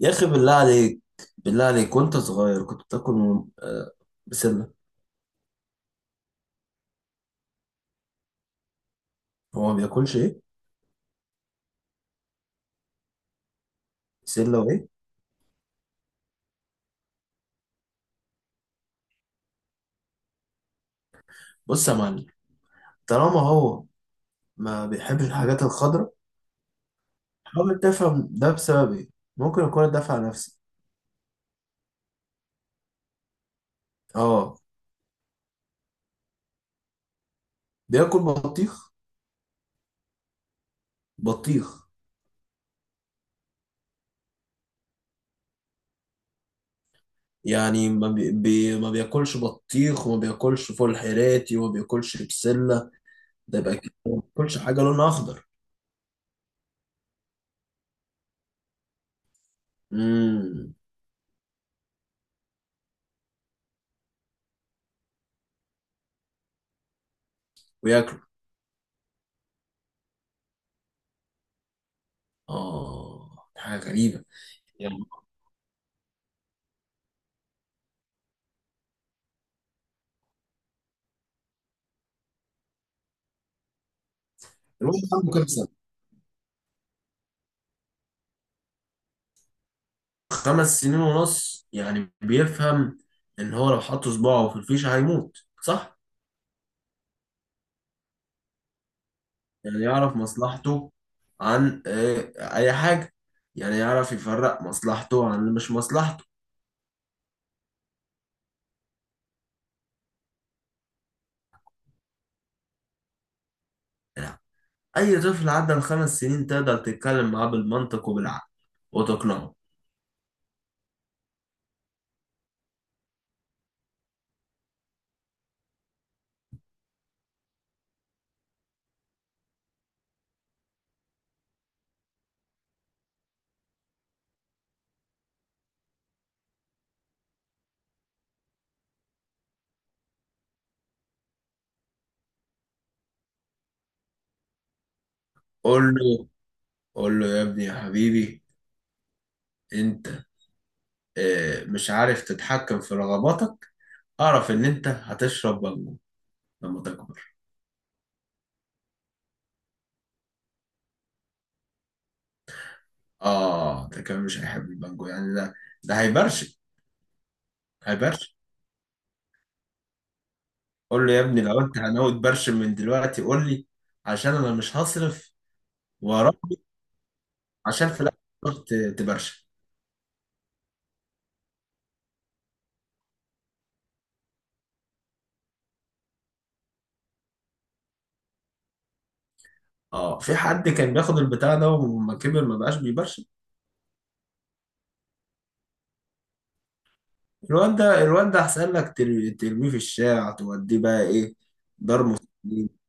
يا اخي بالله عليك. بالله عليك، وانت صغير كنت بتاكل بسله. هو ما بياكلش ايه؟ بسله وايه؟ بص يا معلم، طالما هو ما بيحبش الحاجات الخضراء، حاول تفهم ده بسبب ايه. ممكن اكون الدافع نفسي. اه، بياكل بطيخ. بطيخ. يعني ما, بي... بي... ما بياكلش بطيخ وما بياكلش فول حراتي وما بياكلش بسله؟ ده يبقى كده ما بياكلش حاجه لونها اخضر. امم وياكل؟ اه، حاجه غريبه. يعني الواحد عنده كام سنة؟ 5 سنين ونص، يعني بيفهم ان هو لو حط صباعه في الفيشة هيموت، صح؟ يعني يعرف مصلحته عن اي حاجة. يعني يعرف يفرق مصلحته عن اللي مش مصلحته. يعني اي طفل عدى ال5 سنين تقدر تتكلم معاه بالمنطق وبالعقل وتقنعه. قول له، قول له يا ابني يا حبيبي، انت مش عارف تتحكم في رغباتك. اعرف ان انت هتشرب بانجو لما تكبر. اه، ده كمان مش هيحب المانجو، يعني ده ده هيبرشم. هيبرشم. قول له يا ابني، لو انت هناوي تبرشم من دلوقتي قول لي، عشان انا مش هصرف وراك عشان في الاخر تروح تبرشم. اه، في حد كان بياخد البتاع ده وما كبر ما بقاش بيبرشم. الواد ده، الواد ده احسن لك ترميه في الشارع، توديه بقى ايه، دار مسنين،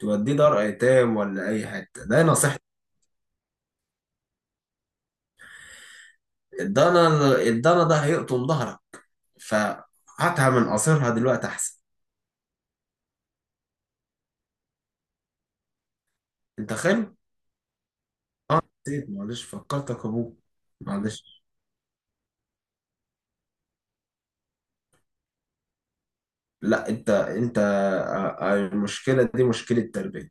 توديه دار ايتام ولا اي حته، ده نصيحتي. الضنا، الضنا ده هيقطم ظهرك، فهاتها من قصرها دلوقتي احسن. انت خايف. اه. نسيت، معلش فكرتك ابوك. معلش. لا انت المشكله دي مشكله تربيه.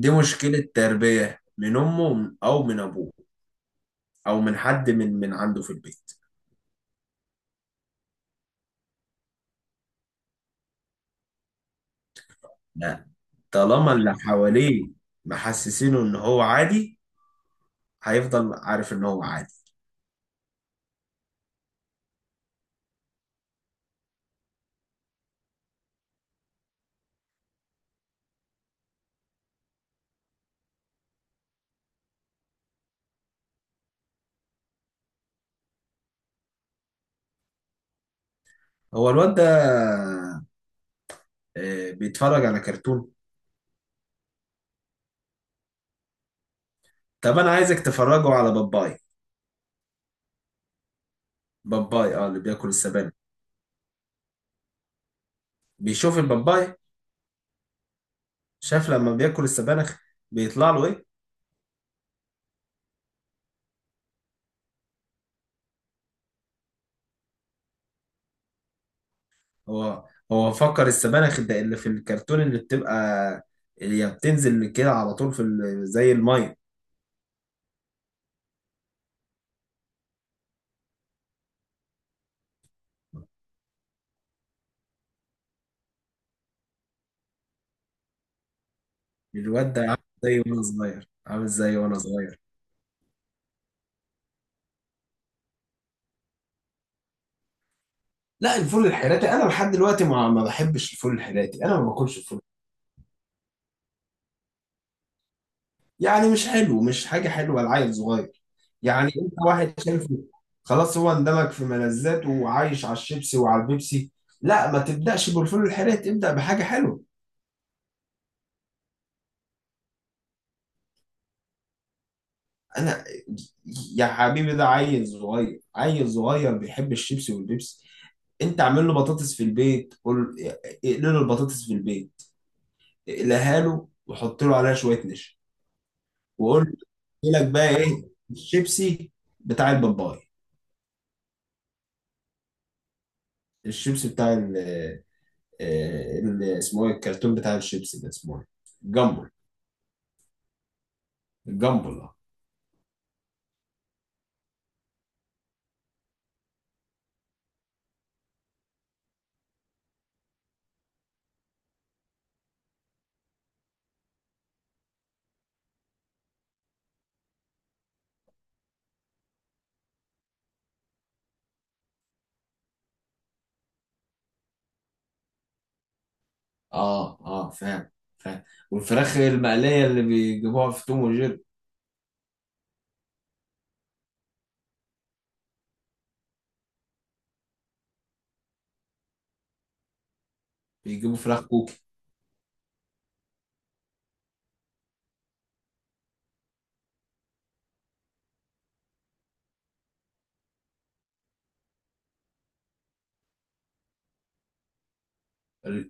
دي مشكله تربيه من امه او من ابوه، او من حد من عنده في البيت. لا. طالما اللي حواليه محسسينه ان هو عادي، هيفضل عارف ان هو عادي. هو الواد ده بيتفرج على كرتون؟ طب انا عايزك تفرجه على باباي. باباي، اه، اللي بياكل السبانخ. بيشوف الباباي. شاف لما بياكل السبانخ بيطلع له ايه. هو هو فكر السبانخ ده اللي في الكرتون اللي بتبقى، اللي هي بتنزل كده على طول في زي الميه. الواد ده عامل زي وانا صغير، عامل زي وانا صغير. لا، الفول الحيراتي انا لحد دلوقتي ما بحبش الفول الحيراتي، انا ما باكلش الفول. يعني مش حلو، مش حاجه حلوه لعيل صغير. يعني انت واحد شايفه خلاص، هو اندمج في ملذاته وعايش على الشيبسي وعلى البيبسي. لا، ما تبداش بالفول الحيراتي ابدا، بحاجه حلوه. انا، يا حبيبي، ده عيل صغير، عيل صغير بيحب الشيبسي والبيبسي. انت اعمل له بطاطس في البيت، قول، اقلي له البطاطس في البيت، اقلها له وحط له عليها شويه نشا. وقول له يجي لك بقى ايه الشيبسي بتاع الباباي. الشيبسي بتاع اسمه ايه الكرتون بتاع الشيبسي ده، اسمه ايه؟ الجامبل. الجامبل، اه. اه، اه فاهم، فاهم. والفراخ المقليه اللي بيجيبوها في توم وجيري. بيجيبوا فراخ كوكي؟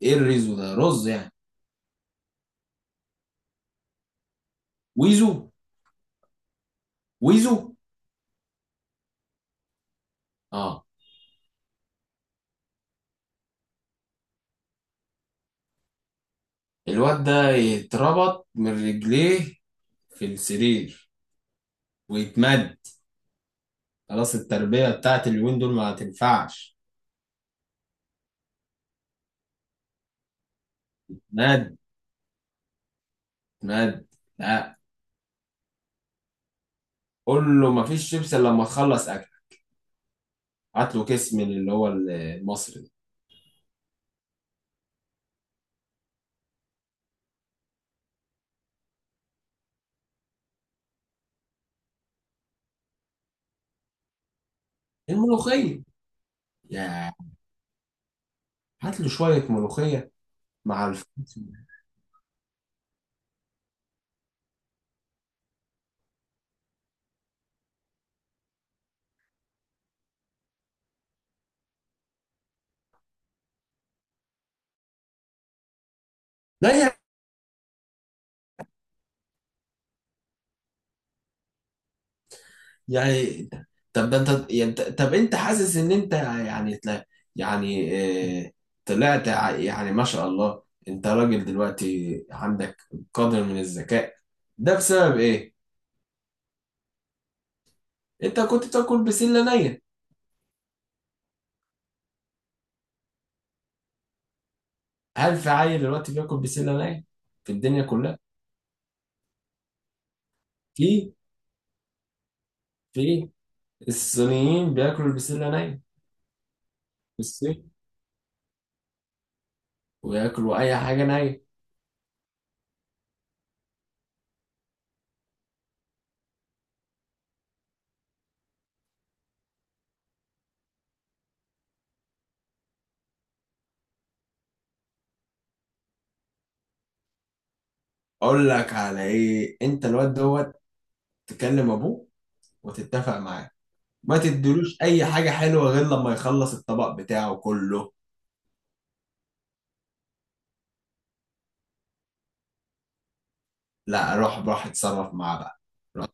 ايه الريزو ده، رز يعني؟ ويزو. ويزو. اه. الواد ده يتربط من رجليه في السرير ويتمد. خلاص، التربية بتاعت اليومين دول ما هتنفعش. مد. مد. لا. قول له مفيش شيبس إلا لما تخلص اكل. هات له كيس من اللي هو المصري ده. الملوخية. يا، هات له شوية ملوخية مع الفلفل. لا يا. يعني. طب ده انت يعني طب انت حاسس ان انت يعني يعني اه، طلعت يعني ما شاء الله، انت راجل دلوقتي، عندك قدر من الذكاء. ده بسبب ايه؟ انت كنت بتاكل بسلة نية؟ هل في عيل دلوقتي بياكل بسلة نية في الدنيا كلها؟ في. في. الصينيين بياكلوا البسلة نية. في الصين وياكلوا اي حاجة نية. اقول لك على ايه، انت الواد دوت، تكلم ابوه وتتفق معاه، ما تدلوش اي حاجه حلوه غير لما يخلص الطبق بتاعه كله. لا، روح، روح اتصرف معاه بقى. روح.